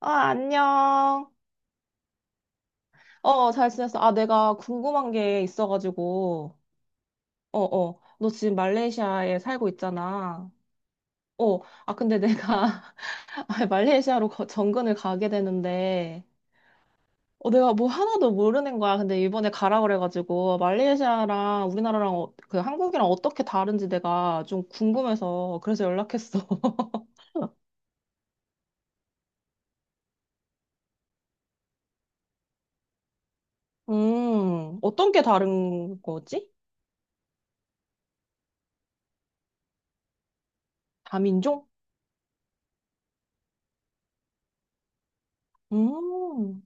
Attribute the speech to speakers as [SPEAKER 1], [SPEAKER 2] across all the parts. [SPEAKER 1] 아, 안녕. 어, 어, 잘 지냈어. 아, 내가 궁금한 게 있어가지고. 어, 어. 너 지금 말레이시아에 살고 있잖아. 어, 아, 근데 내가 아, 말레이시아로 정근을 가게 되는데, 어, 내가 뭐 하나도 모르는 거야. 근데 이번에 가라 그래가지고, 말레이시아랑 우리나라랑 어, 그 한국이랑 어떻게 다른지 내가 좀 궁금해서 그래서 연락했어. 어떤 게 다른 거지? 다민족? 음.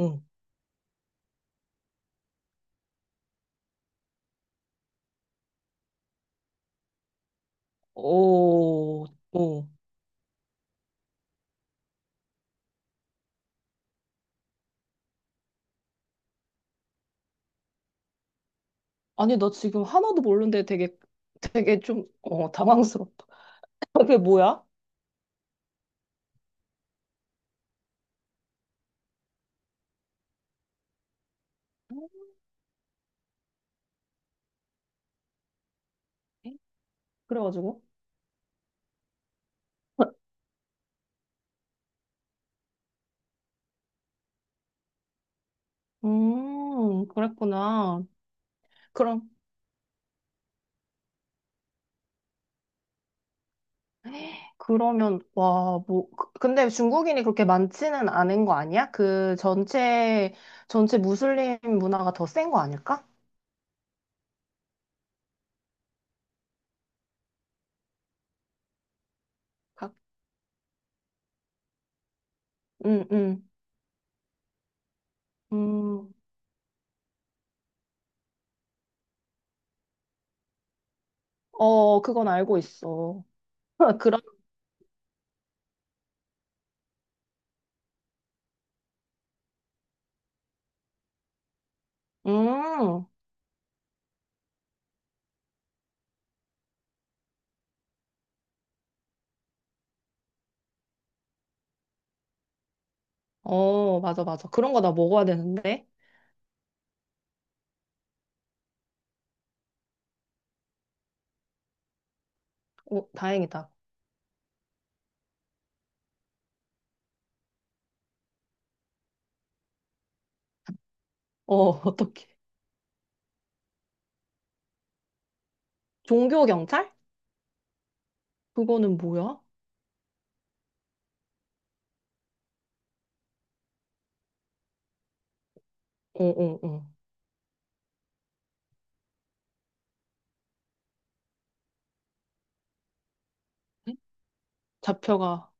[SPEAKER 1] 응. 오, 오. 아니, 나 지금 하나도 모르는데 되게 좀, 어, 당황스럽다. 그게 뭐야? 네. 그래가지고. 그랬구나. 그럼, 그러면, 와, 뭐, 근데 중국인이 그렇게 많지는 않은 거 아니야? 그 전체, 전체 무슬림 문화가 더 센 거 아닐까? 각, 음, 음, 음, 어, 그건 알고 있어. 그런, 음, 어, 맞아, 맞아. 그런 거 나 먹어야 되는데. 어, 다행이다. 어, 어떡해. 종교 경찰? 그거는 뭐야? 어, 어, 어. 에? 잡혀가.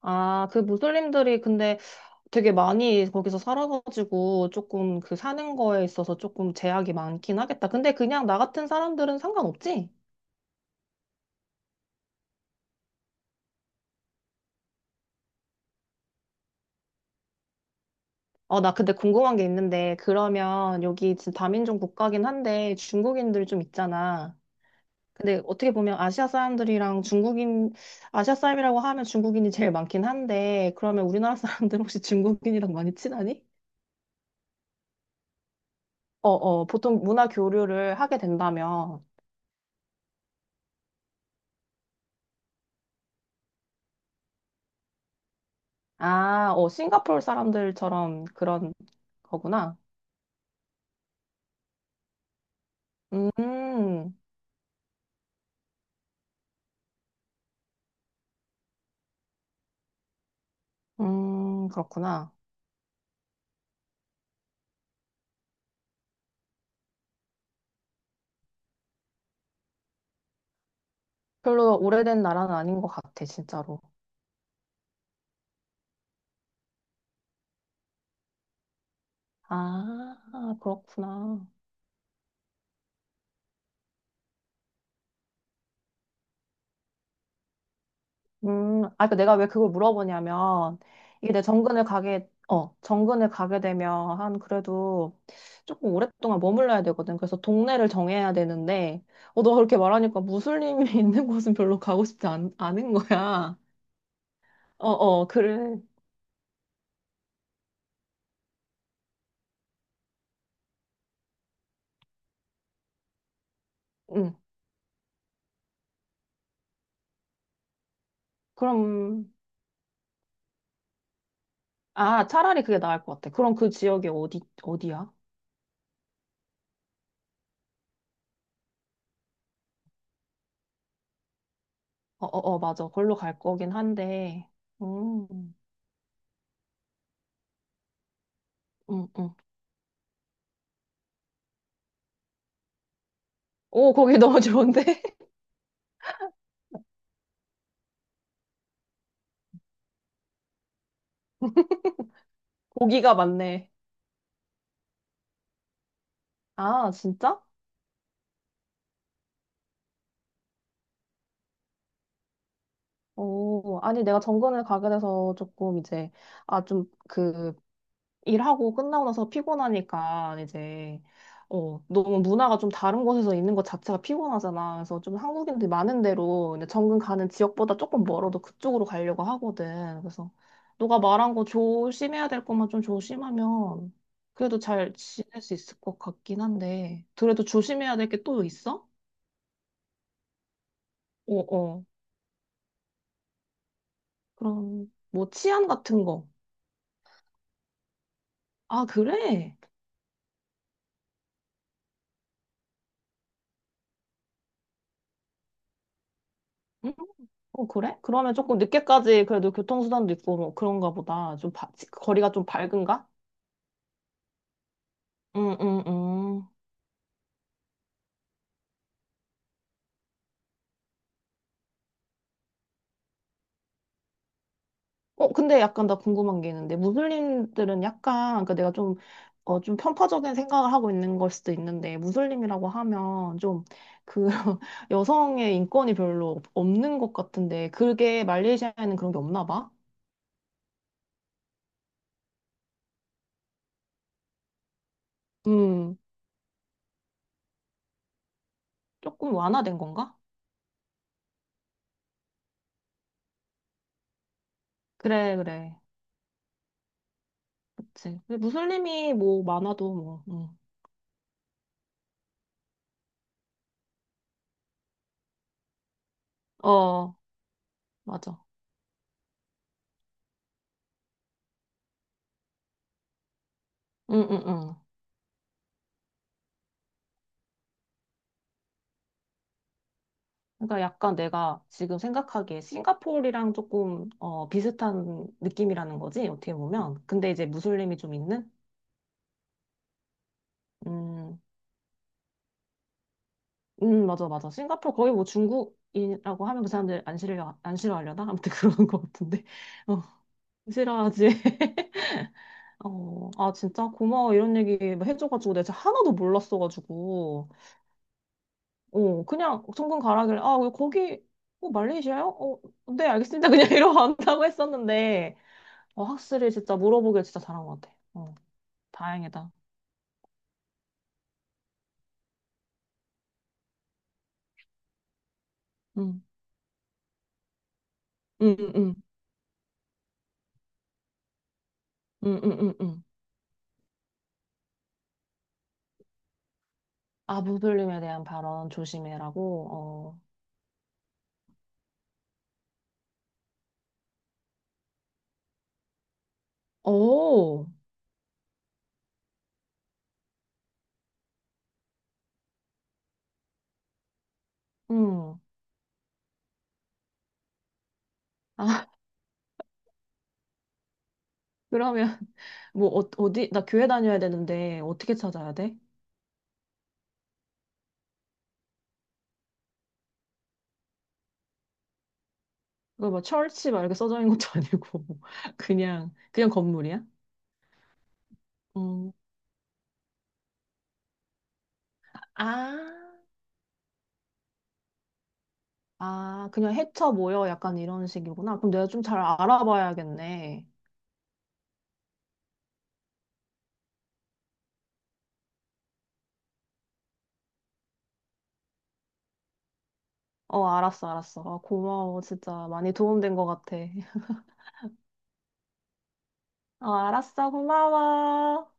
[SPEAKER 1] 아, 그 무슬림들이 근데 되게 많이 거기서 살아가지고 조금 그 사는 거에 있어서 조금 제약이 많긴 하겠다. 근데 그냥 나 같은 사람들은 상관없지? 어, 나 근데 궁금한 게 있는데, 그러면 여기 지금 다민족 국가긴 한데 중국인들 좀 있잖아. 근데 어떻게 보면 아시아 사람들이랑 중국인, 아시아 사람이라고 하면 중국인이 제일 많긴 한데, 그러면 우리나라 사람들 혹시 중국인이랑 많이 친하니? 어, 어, 보통 문화 교류를 하게 된다면, 아, 어, 싱가포르 사람들처럼 그런 거구나. 음, 그렇구나. 별로 오래된 나라는 아닌 것 같아, 진짜로. 아, 그렇구나. 아, 그러니까 내가 왜 그걸 물어보냐면, 이게 내 정근을 가게, 어, 정근을 가게 되면 한 그래도 조금 오랫동안 머물러야 되거든. 그래서 동네를 정해야 되는데, 어, 너 그렇게 말하니까 무슬림이 있는 곳은 별로 가고 않은 거야. 어, 어, 그래. 응. 그럼, 아, 차라리 그게 나을 것 같아. 그럼 그 지역이 어디, 어디야? 어, 어, 어, 맞아. 걸로 갈 거긴 한데, 음, 음, 음. 오, 거기 너무 좋은데? 고기가 많네. 아, 진짜? 오, 아니, 내가 정근을 가게 돼서 조금 이제, 아, 좀, 그, 일하고 끝나고 나서 피곤하니까, 이제, 어, 너무 문화가 좀 다른 곳에서 있는 것 자체가 피곤하잖아. 그래서 좀 한국인들이 많은 데로, 근데 정근 가는 지역보다 조금 멀어도 그쪽으로 가려고 하거든. 그래서, 너가 말한 거 조심해야 될 것만 좀 조심하면, 그래도 잘 지낼 수 있을 것 같긴 한데, 그래도 조심해야 될 게 또 있어? 어, 어. 그럼, 뭐, 치안 같은 거. 아, 그래? 응, 어, 그래? 그러면 조금 늦게까지 그래도 교통수단도 있고 뭐 그런가 보다. 거리가 좀 밝은가? 응, 응, 응. 어, 근데 약간 나 궁금한 게 있는데, 무슬림들은 약간, 그러니까 내가 좀, 어, 좀 편파적인 생각을 하고 있는 걸 수도 있는데, 무슬림이라고 하면 좀, 그, 여성의 인권이 별로 없는 것 같은데, 그게 말레이시아에는 그런 게 없나 봐? 음, 조금 완화된 건가? 그래, 그래. 그치. 근데 무슬림이 뭐 많아도 뭐, 어, 맞아. 응응응. 그러니까 약간 내가 지금 생각하기에 싱가포르랑 조금 어, 비슷한 느낌이라는 거지 어떻게 보면. 근데 이제 무슬림이 좀 있는. 음, 맞아 맞아. 싱가포르 거의 뭐 중국이라고 하면 그 사람들 안 싫어하려나? 아무튼 그런 거 같은데. 어, 싫어하지. 어, 아, 진짜 고마워. 이런 얘기 뭐 해줘가지고 내가 진짜 하나도 몰랐어가지고. 어, 그냥 정근 가라길래, 아, 왜 거기, 어, 말레이시아요? 어, 네, 알겠습니다. 그냥 이러고 안다고 했었는데. 어, 확실히 진짜 물어보길 진짜 잘한 것 같아. 어, 다행이다. 응, 응, 응, 응, 응, 응, 응. 응. 아부불림에 대한 발언 조심해라고. 어, 오, 응. 아, 그러면 뭐 어, 어디 나 교회 다녀야 되는데 어떻게 찾아야 돼? 그거 뭐 철치 막 이렇게 써져 있는 것도 아니고 그냥 그냥 건물이야? 음. 아, 아, 그냥 해쳐 모여 약간 이런 식이구나. 그럼 내가 좀 잘 알아봐야겠네. 어, 알았어, 알았어. 아, 고마워. 진짜 많이 도움된 것 같아. 어, 알았어. 고마워.